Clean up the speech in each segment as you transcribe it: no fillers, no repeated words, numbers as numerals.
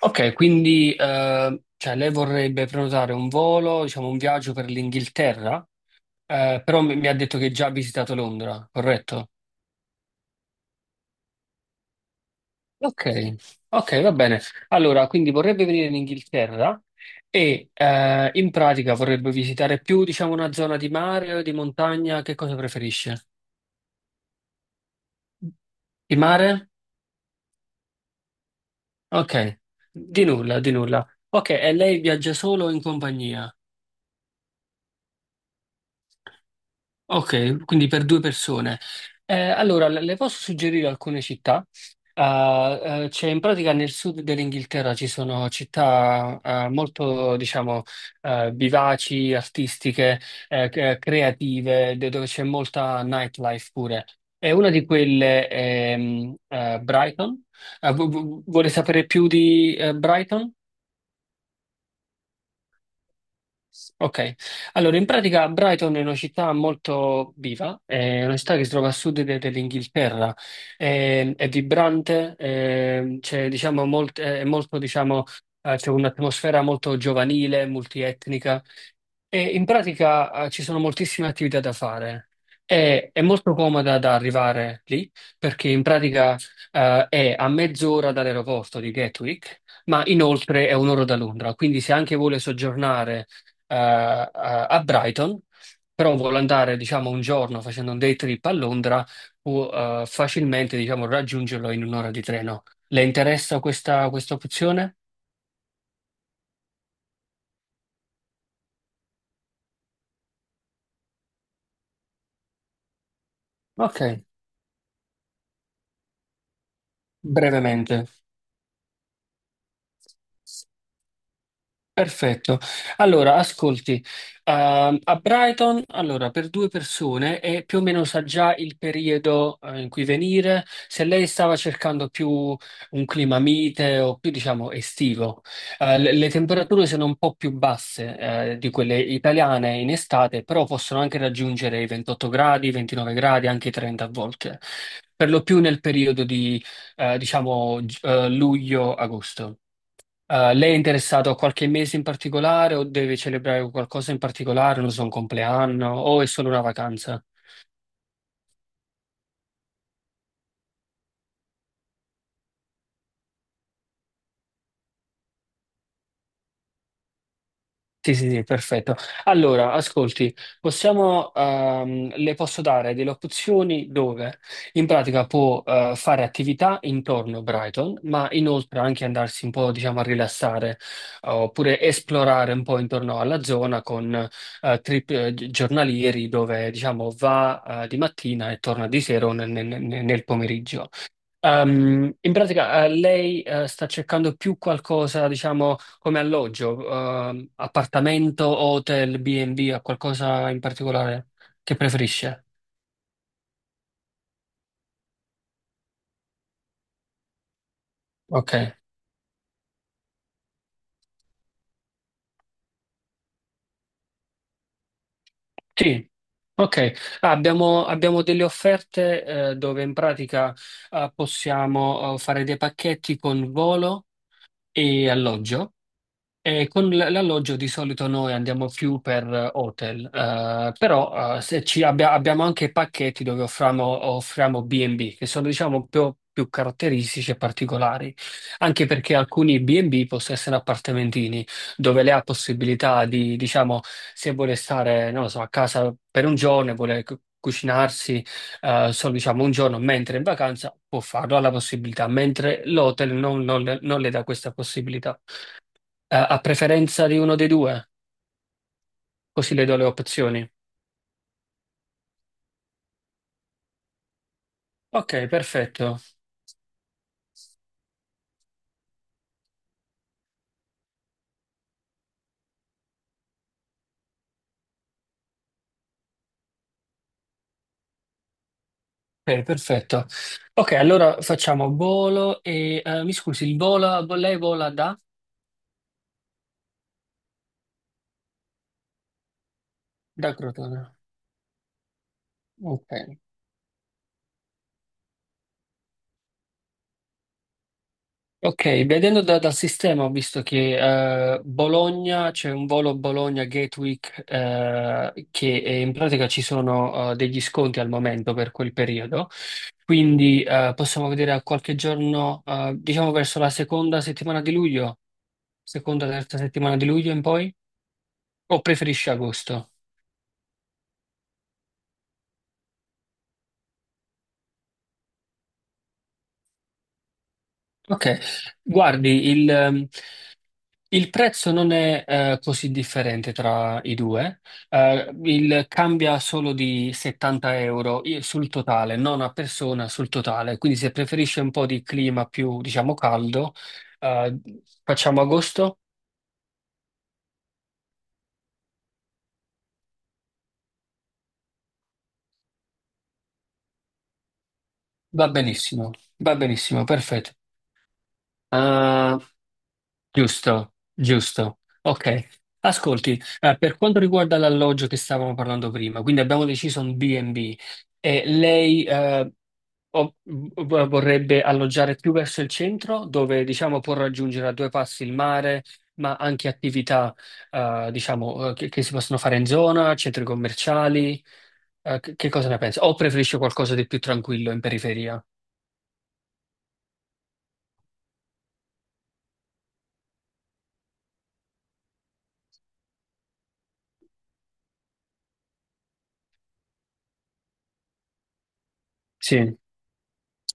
Ok, quindi cioè, lei vorrebbe prenotare un volo, diciamo un viaggio per l'Inghilterra, però mi ha detto che già ha visitato Londra, corretto? Ok, ok, va bene. Allora, quindi vorrebbe venire in Inghilterra e in pratica vorrebbe visitare più, diciamo, una zona di mare o di montagna, che cosa preferisce? Di mare? Ok, di nulla, di nulla. Ok, e lei viaggia solo o in compagnia? Ok, quindi per due persone. Allora, le posso suggerire alcune città. Eh, C'è in pratica nel sud dell'Inghilterra ci sono città molto, diciamo, vivaci, artistiche, creative, dove c'è molta nightlife pure. E una di quelle è Brighton. Vuole sapere più di Brighton? Ok, allora in pratica Brighton è una città molto viva, è una città che si trova a sud dell'Inghilterra, è vibrante, è, c'è diciamo, è molto, diciamo, c'è un'atmosfera molto giovanile, multietnica. E in pratica, ci sono moltissime attività da fare. È molto comoda da arrivare lì perché in pratica, è a mezz'ora dall'aeroporto di Gatwick, ma inoltre è un'ora da Londra. Quindi se anche vuole soggiornare eh, a a Brighton, però vuole andare, diciamo, un giorno facendo un day trip a Londra, può facilmente, diciamo, raggiungerlo in un'ora di treno. Le interessa questa, opzione? Ok, brevemente. Perfetto. Allora, ascolti, a Brighton, allora, per due persone e più o meno sa già il periodo, in cui venire. Se lei stava cercando più un clima mite o più, diciamo, estivo, le temperature sono un po' più basse, di quelle italiane in estate, però possono anche raggiungere i 28 gradi, 29 gradi, anche i 30 a volte, per lo più nel periodo di, diciamo, luglio-agosto. Lei è interessato a qualche mese in particolare o deve celebrare qualcosa in particolare, non so, un compleanno o è solo una vacanza? Sì, sì, sì, perfetto. Allora, ascolti, possiamo, le posso dare delle opzioni dove in pratica può fare attività intorno a Brighton, ma inoltre anche andarsi un po', diciamo, a rilassare oppure esplorare un po' intorno alla zona con trip giornalieri dove, diciamo, va di mattina e torna di sera o nel nel pomeriggio. In pratica, lei sta cercando più qualcosa, diciamo, come alloggio, appartamento, hotel, B&B, o qualcosa in particolare che preferisce? Ok. Sì, ok. Ah, abbiamo, abbiamo delle offerte dove in pratica possiamo fare dei pacchetti con volo e alloggio. Con l'alloggio di solito noi andiamo più per hotel, però se ci abbiamo anche pacchetti dove offriamo, offriamo B&B, che sono diciamo più, più caratteristici e particolari, anche perché alcuni B&B possono essere appartamentini, dove lei ha possibilità di, diciamo, se vuole stare, non lo so, a casa per un giorno e vuole cucinarsi solo diciamo un giorno, mentre è in vacanza può farlo, ha la possibilità, mentre l'hotel non le non le dà questa possibilità. A preferenza di uno dei due? Così le do le opzioni. Ok, perfetto. Ok, perfetto. Ok, allora facciamo volo e... mi scusi, il volo, lei vola da? Da Crotone. Ok. Ok, vedendo dal sistema ho visto che Bologna, c'è un volo Bologna Gatwick che in pratica ci sono degli sconti al momento per quel periodo, quindi possiamo vedere a qualche giorno, diciamo verso la seconda settimana di luglio, seconda, terza settimana di luglio in poi, o preferisci agosto? Ok, guardi il... il prezzo non è così differente tra i due. Cambia solo di 70 euro sul totale, non a persona, sul totale. Quindi se preferisce un po' di clima più, diciamo, caldo, eh, facciamo agosto, va benissimo, va benissimo, perfetto. Eh, Giusto, giusto. Ok. Ascolti, per quanto riguarda l'alloggio che stavamo parlando prima, quindi abbiamo deciso un B&B e B e lei... o vorrebbe alloggiare più verso il centro, dove diciamo può raggiungere a due passi il mare, ma anche attività diciamo, che si possono fare in zona, centri commerciali. Che cosa ne pensi? O preferisce qualcosa di più tranquillo in periferia? Sì.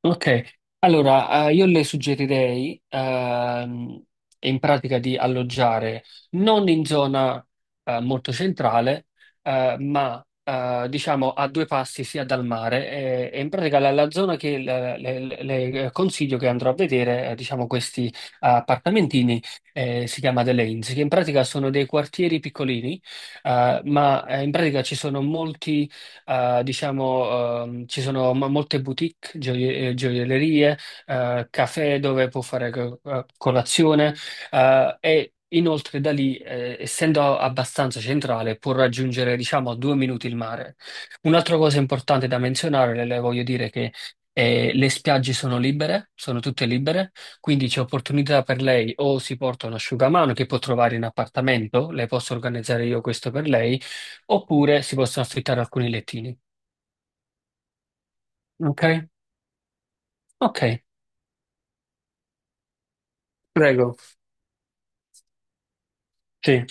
Ok, allora io le suggerirei in pratica di alloggiare non in zona molto centrale, ma diciamo a due passi sia dal mare. E in pratica la zona che le consiglio che andrò a vedere, diciamo questi appartamentini, si chiama The Lanes, che in pratica sono dei quartieri piccolini, ma in pratica ci sono molti diciamo, ci sono molte boutique gioiellerie, caffè dove può fare colazione, e inoltre da lì, essendo abbastanza centrale, può raggiungere, diciamo, a 2 minuti il mare. Un'altra cosa importante da menzionare, le voglio dire che le spiagge sono libere, sono tutte libere, quindi c'è opportunità per lei o si porta un asciugamano che può trovare in appartamento, le posso organizzare io questo per lei, oppure si possono affittare alcuni lettini. Ok? Ok, prego. Sì.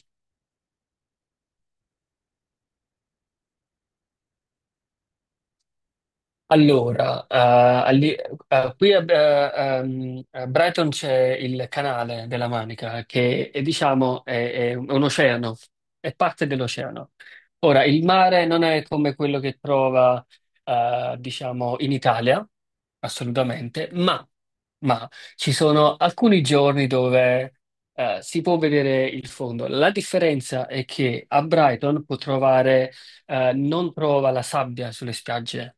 Allora, a Brighton c'è il canale della Manica, che è, diciamo è un oceano, è parte dell'oceano. Ora, il mare non è come quello che trova, diciamo, in Italia, assolutamente, ma ci sono alcuni giorni dove, si può vedere il fondo. La differenza è che a Brighton può trovare, non trova la sabbia sulle spiagge.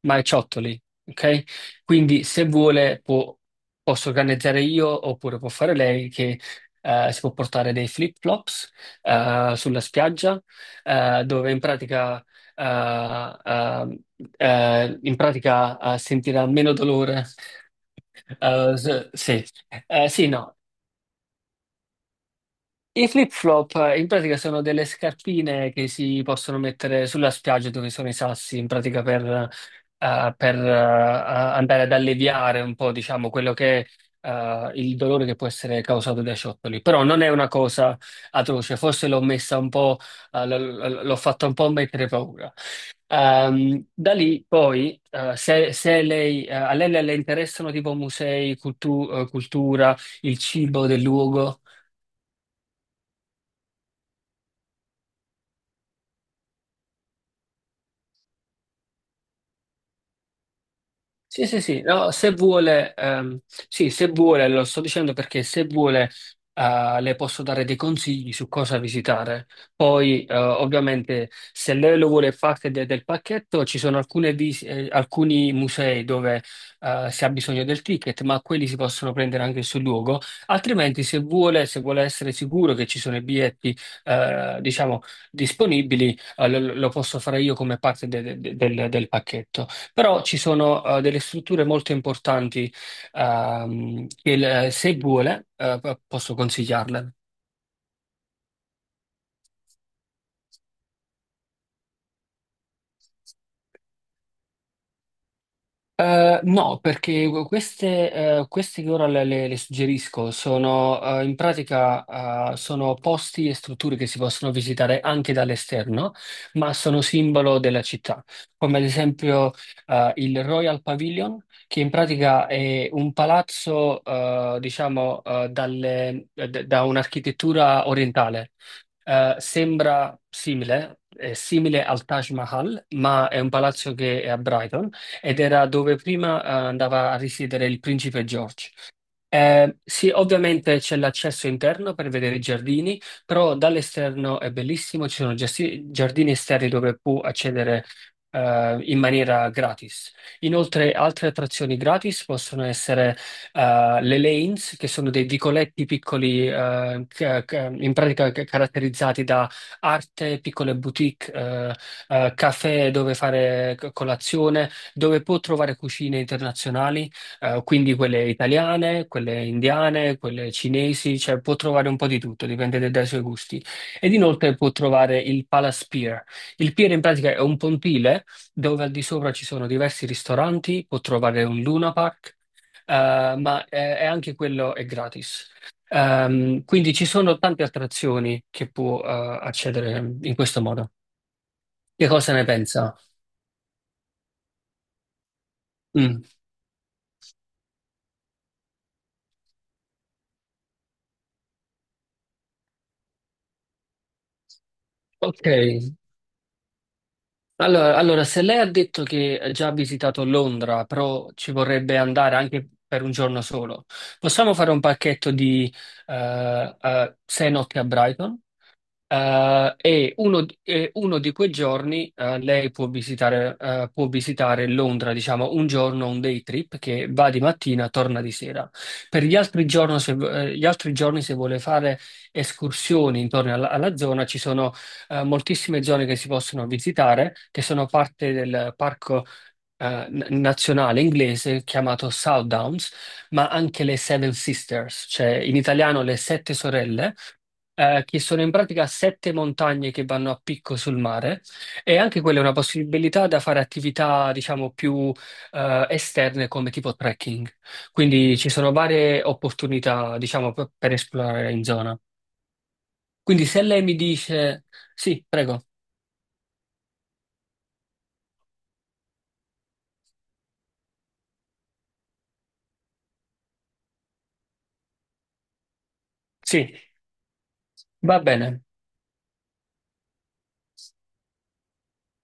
Marciottoli, ok? Quindi se vuole posso organizzare io oppure può fare lei che si può portare dei flip-flops sulla spiaggia dove eh, eh, in pratica sentirà meno dolore. Sì. Sì, no. I flip-flop in pratica sono delle scarpine che si possono mettere sulla spiaggia dove sono i sassi, in pratica per, andare ad alleviare un po', diciamo, quello che è, il dolore che può essere causato dai ciottoli. Però non è una cosa atroce, forse l'ho messa un po', eh, l- l'ho fatta un po' mettere paura. Da lì poi, se, se lei, a lei le interessano tipo musei, cultura, il cibo del luogo. Sì, sì, sì, no, se vuole, sì, se vuole, lo sto dicendo perché se vuole, le posso dare dei consigli su cosa visitare. Poi, ovviamente, se lei lo vuole parte del pacchetto, ci sono alcuni musei dove, si ha bisogno del ticket, ma quelli si possono prendere anche sul luogo. Altrimenti, se vuole, se vuole essere sicuro che ci sono i biglietti, diciamo, disponibili, lo posso fare io come parte del pacchetto. Però ci sono delle strutture molto importanti se vuole posso consigliarle. No, perché queste, queste che ora le suggerisco sono in pratica sono posti e strutture che si possono visitare anche dall'esterno, ma sono simbolo della città, come ad esempio il Royal Pavilion, che in pratica è un palazzo, diciamo, da un'architettura orientale. Sembra simile, è simile al Taj Mahal, ma è un palazzo che è a Brighton ed era dove prima andava a risiedere il principe George. Sì, ovviamente c'è l'accesso interno per vedere i giardini, però dall'esterno è bellissimo, ci sono giardini esterni dove puoi accedere in maniera gratis. Inoltre, altre attrazioni gratis possono essere le lanes, che sono dei vicoletti piccoli, in pratica caratterizzati da arte, piccole boutique, caffè dove fare colazione, dove puoi trovare cucine internazionali. Quindi quelle italiane, quelle indiane, quelle cinesi, cioè può trovare un po' di tutto, dipende dai suoi gusti. Ed inoltre può trovare il Palace Pier. Il pier in pratica è un pontile dove al di sopra ci sono diversi ristoranti, può trovare un Luna Park, ma è anche quello è gratis. Quindi ci sono tante attrazioni che può accedere in questo modo. Che cosa ne pensa? Mm. Ok, allora, allora, se lei ha detto che ha già visitato Londra, però ci vorrebbe andare anche per un giorno solo, possiamo fare un pacchetto di 6 notti a Brighton? E uno di quei giorni lei può visitare Londra, diciamo un giorno, un day trip che va di mattina, torna di sera. Per gli altri giorni, se, gli altri giorni, se vuole fare escursioni intorno alla zona, ci sono moltissime zone che si possono visitare, che sono parte del parco nazionale inglese chiamato Southdowns, ma anche le Seven Sisters, cioè in italiano le Sette Sorelle, che sono in pratica sette montagne che vanno a picco sul mare e anche quella è una possibilità da fare attività, diciamo, più esterne come tipo trekking. Quindi ci sono varie opportunità, diciamo, per esplorare in zona. Quindi se lei mi dice sì, prego, sì, va bene.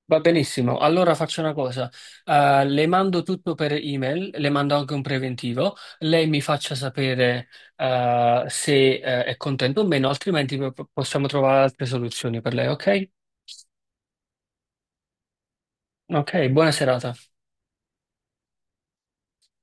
Va benissimo, allora faccio una cosa, le mando tutto per email, le mando anche un preventivo, lei mi faccia sapere se è contento o meno, altrimenti possiamo trovare altre soluzioni per lei, ok? Ok, buona serata.